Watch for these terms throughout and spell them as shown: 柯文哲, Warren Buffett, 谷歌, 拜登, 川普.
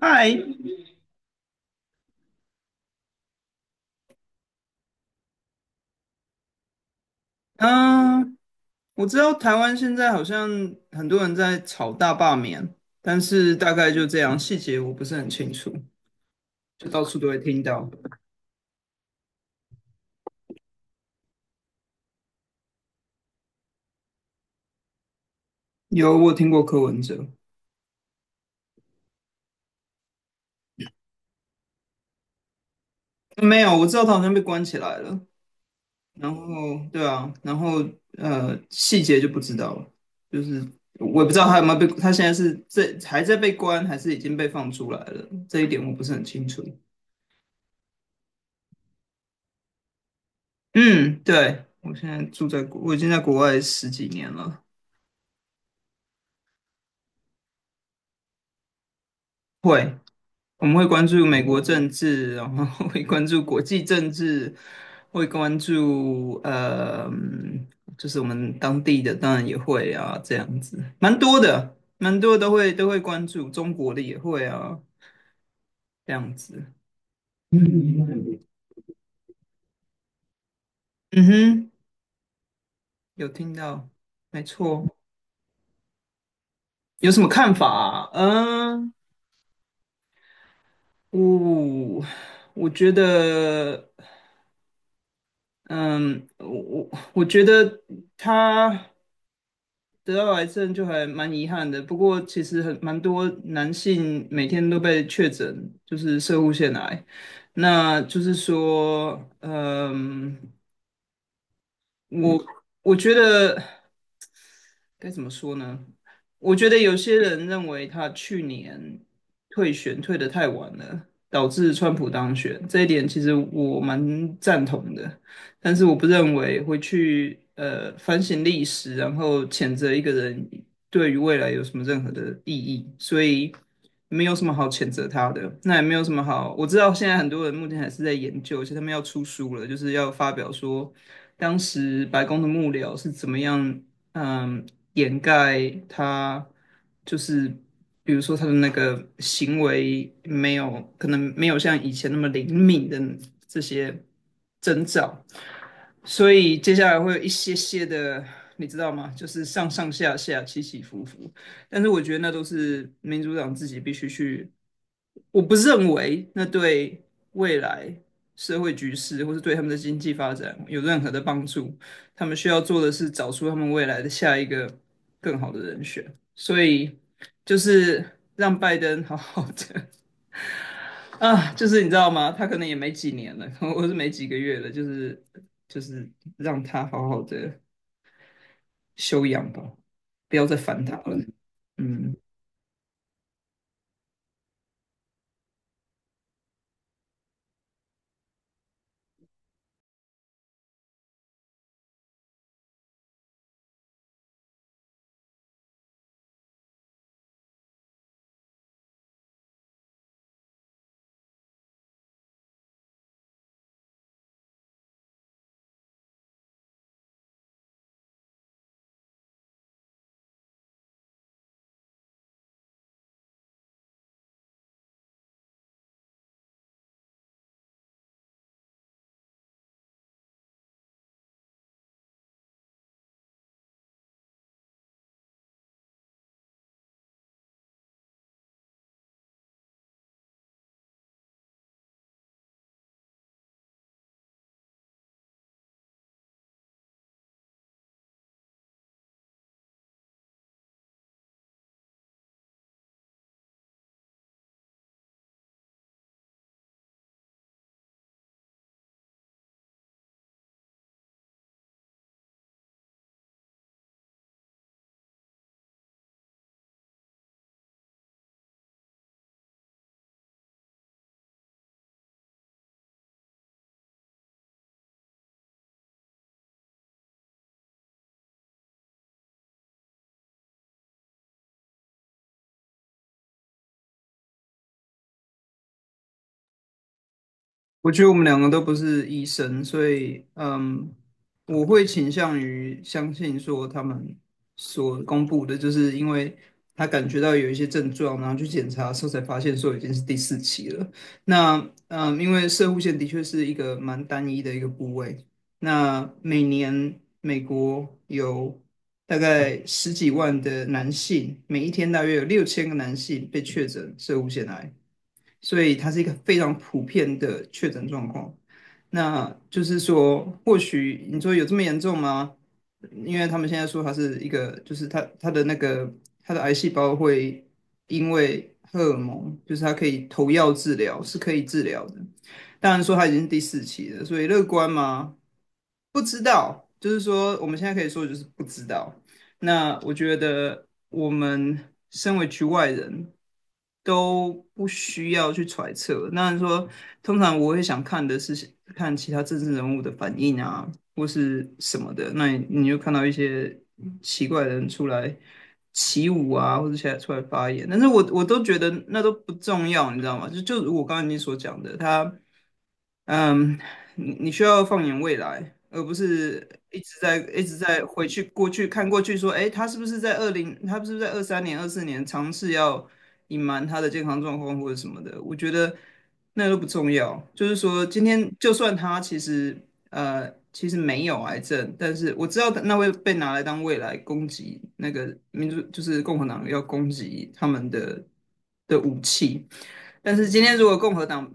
嗨，嗯，我知道台湾现在好像很多人在炒大罢免，但是大概就这样，细节我不是很清楚，就到处都会听到。有，我有听过柯文哲。没有，我知道他好像被关起来了。然后，对啊，然后细节就不知道了，就是我也不知道他有没有被，他现在是这还在被关，还是已经被放出来了，这一点我不是很清楚。嗯，对，我已经在国外十几年了。会，我们会关注美国政治，然后 会关注国际政治，会关注就是我们当地的，当然也会啊，这样子，蛮多的，蛮多都会关注，中国的也会啊，这样子。嗯嗯哼，有听到，没错。有什么看法啊？嗯，我我觉得，嗯，我我我觉得他。得到癌症就还蛮遗憾的，不过其实很蛮多男性每天都被确诊，就是射护腺癌。那就是说，嗯，我我觉得。该怎么说呢？我觉得有些人认为他去年退选退得太晚了，导致川普当选，这一点其实我蛮赞同的。但是我不认为会去反省历史，然后谴责一个人对于未来有什么任何的意义，所以没有什么好谴责他的。那也没有什么好，我知道现在很多人目前还是在研究，而且他们要出书了，就是要发表说当时白宫的幕僚是怎么样。嗯，掩盖他，就是比如说他的那个行为没有可能没有像以前那么灵敏的这些征兆，所以接下来会有一些些的，你知道吗？就是上上下下起起伏伏，但是我觉得那都是民主党自己必须去，我不认为那对未来社会局势或是对他们的经济发展有任何的帮助。他们需要做的是找出他们未来的下一个更好的人选，所以就是让拜登好好的啊，就是你知道吗？他可能也没几年了，我是没几个月了，就是让他好好的休养吧，不要再烦他了。嗯。我觉得我们两个都不是医生，所以我会倾向于相信说他们所公布的，就是因为他感觉到有一些症状，然后去检查的时候才发现说已经是第四期了。那因为射护腺的确是一个蛮单一的一个部位，那每年美国有大概十几万的男性，每一天大约有6000个男性被确诊射护腺癌。所以它是一个非常普遍的确诊状况。那就是说，或许你说有这么严重吗？因为他们现在说它是一个，就是它的那个它的癌细胞会因为荷尔蒙，就是它可以投药治疗，是可以治疗的。当然说它已经是第四期了，所以乐观吗？不知道，就是说我们现在可以说的就是不知道。那我觉得我们身为局外人都不需要去揣测。那说，通常我会想看的是看其他政治人物的反应啊，或是什么的。那你就看到一些奇怪的人出来起舞啊，或者起来出来发言，但是我都觉得那都不重要，你知道吗？就就如我刚才你所讲的，他。嗯，你需要放眼未来，而不是一直在回去过去看过去说，诶，他是不是在23年、24年尝试要隐瞒他的健康状况或者什么的？我觉得那都不重要。就是说，今天就算他其实没有癌症，但是我知道那会被拿来当未来攻击那个民主，就是共和党要攻击他们的的武器。但是今天如果共和党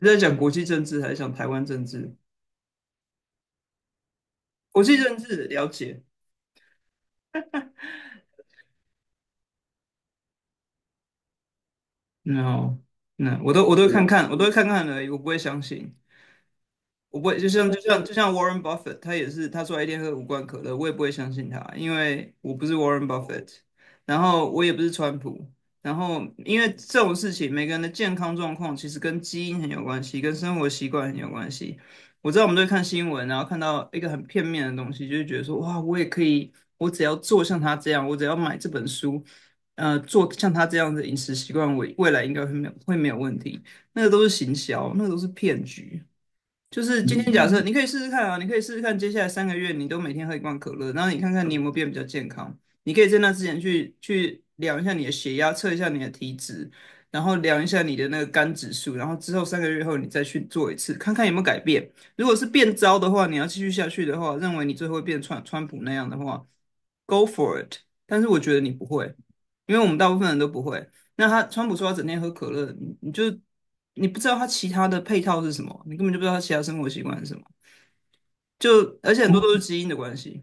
是在讲国际政治还是讲台湾政治？国际政治了解，然后那我都我都会看看，而已，我不会相信。我不会，就像 Warren Buffett,他也是，他说他一天喝5罐可乐，我也不会相信他，因为我不是 Warren Buffett,然后我也不是川普，然后因为这种事情，每个人的健康状况其实跟基因很有关系，跟生活习惯很有关系。我知道我们都会看新闻，然后看到一个很片面的东西，就是觉得说，哇，我也可以，我只要做像他这样，我只要买这本书，做像他这样的饮食习惯，我未来应该会没有问题。那个都是行销，那个都是骗局。就是今天假设你可以试试看啊，你可以试试看，接下来三个月你都每天喝一罐可乐，然后你看看你有没有变比较健康。你可以在那之前去量一下你的血压，测一下你的体脂，然后量一下你的那个肝指数，然后之后3个月后你再去做一次，看看有没有改变。如果是变糟的话，你要继续下去的话，认为你最后会变川普那样的话，Go for it。但是我觉得你不会，因为我们大部分人都不会。那他川普说他整天喝可乐，你不知道他其他的配套是什么，你根本就不知道他其他生活习惯是什么。就而且很多都是基因的关系。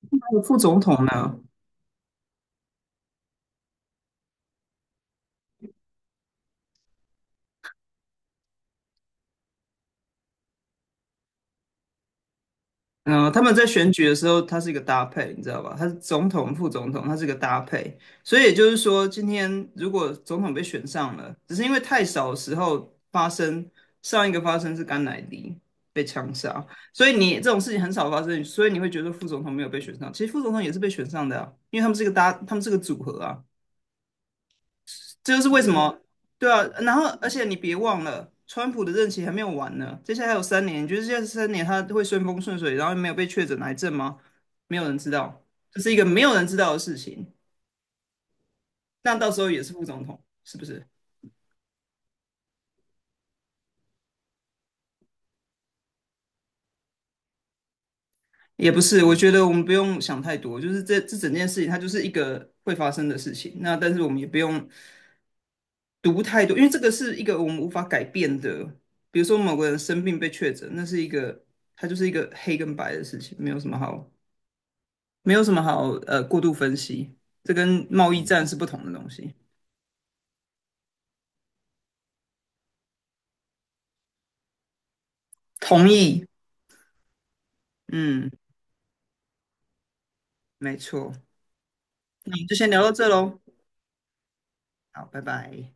那个副总统呢？他们在选举的时候，它是一个搭配，你知道吧？它是总统、副总统，它是一个搭配。所以也就是说，今天如果总统被选上了，只是因为太少的时候发生，上一个发生是甘乃迪被枪杀，所以你这种事情很少发生，所以你会觉得副总统没有被选上。其实副总统也是被选上的啊，因为他们是个组合啊。这就是为什么，对啊，然后而且你别忘了，川普的任期还没有完呢，接下来还有三年，就是得接下来三年他会顺风顺水，然后没有被确诊癌症吗？没有人知道，这是一个没有人知道的事情。那到时候也是副总统，是不是？也不是，我觉得我们不用想太多，就是这整件事情它就是一个会发生的事情。那但是我们也不用读太多，因为这个是一个我们无法改变的，比如说某个人生病被确诊，那是一个它就是一个黑跟白的事情，没有什么好。没有什么好过度分析，这跟贸易战是不同的东西。同意，嗯，没错。那我们就先聊到这喽，好，拜拜。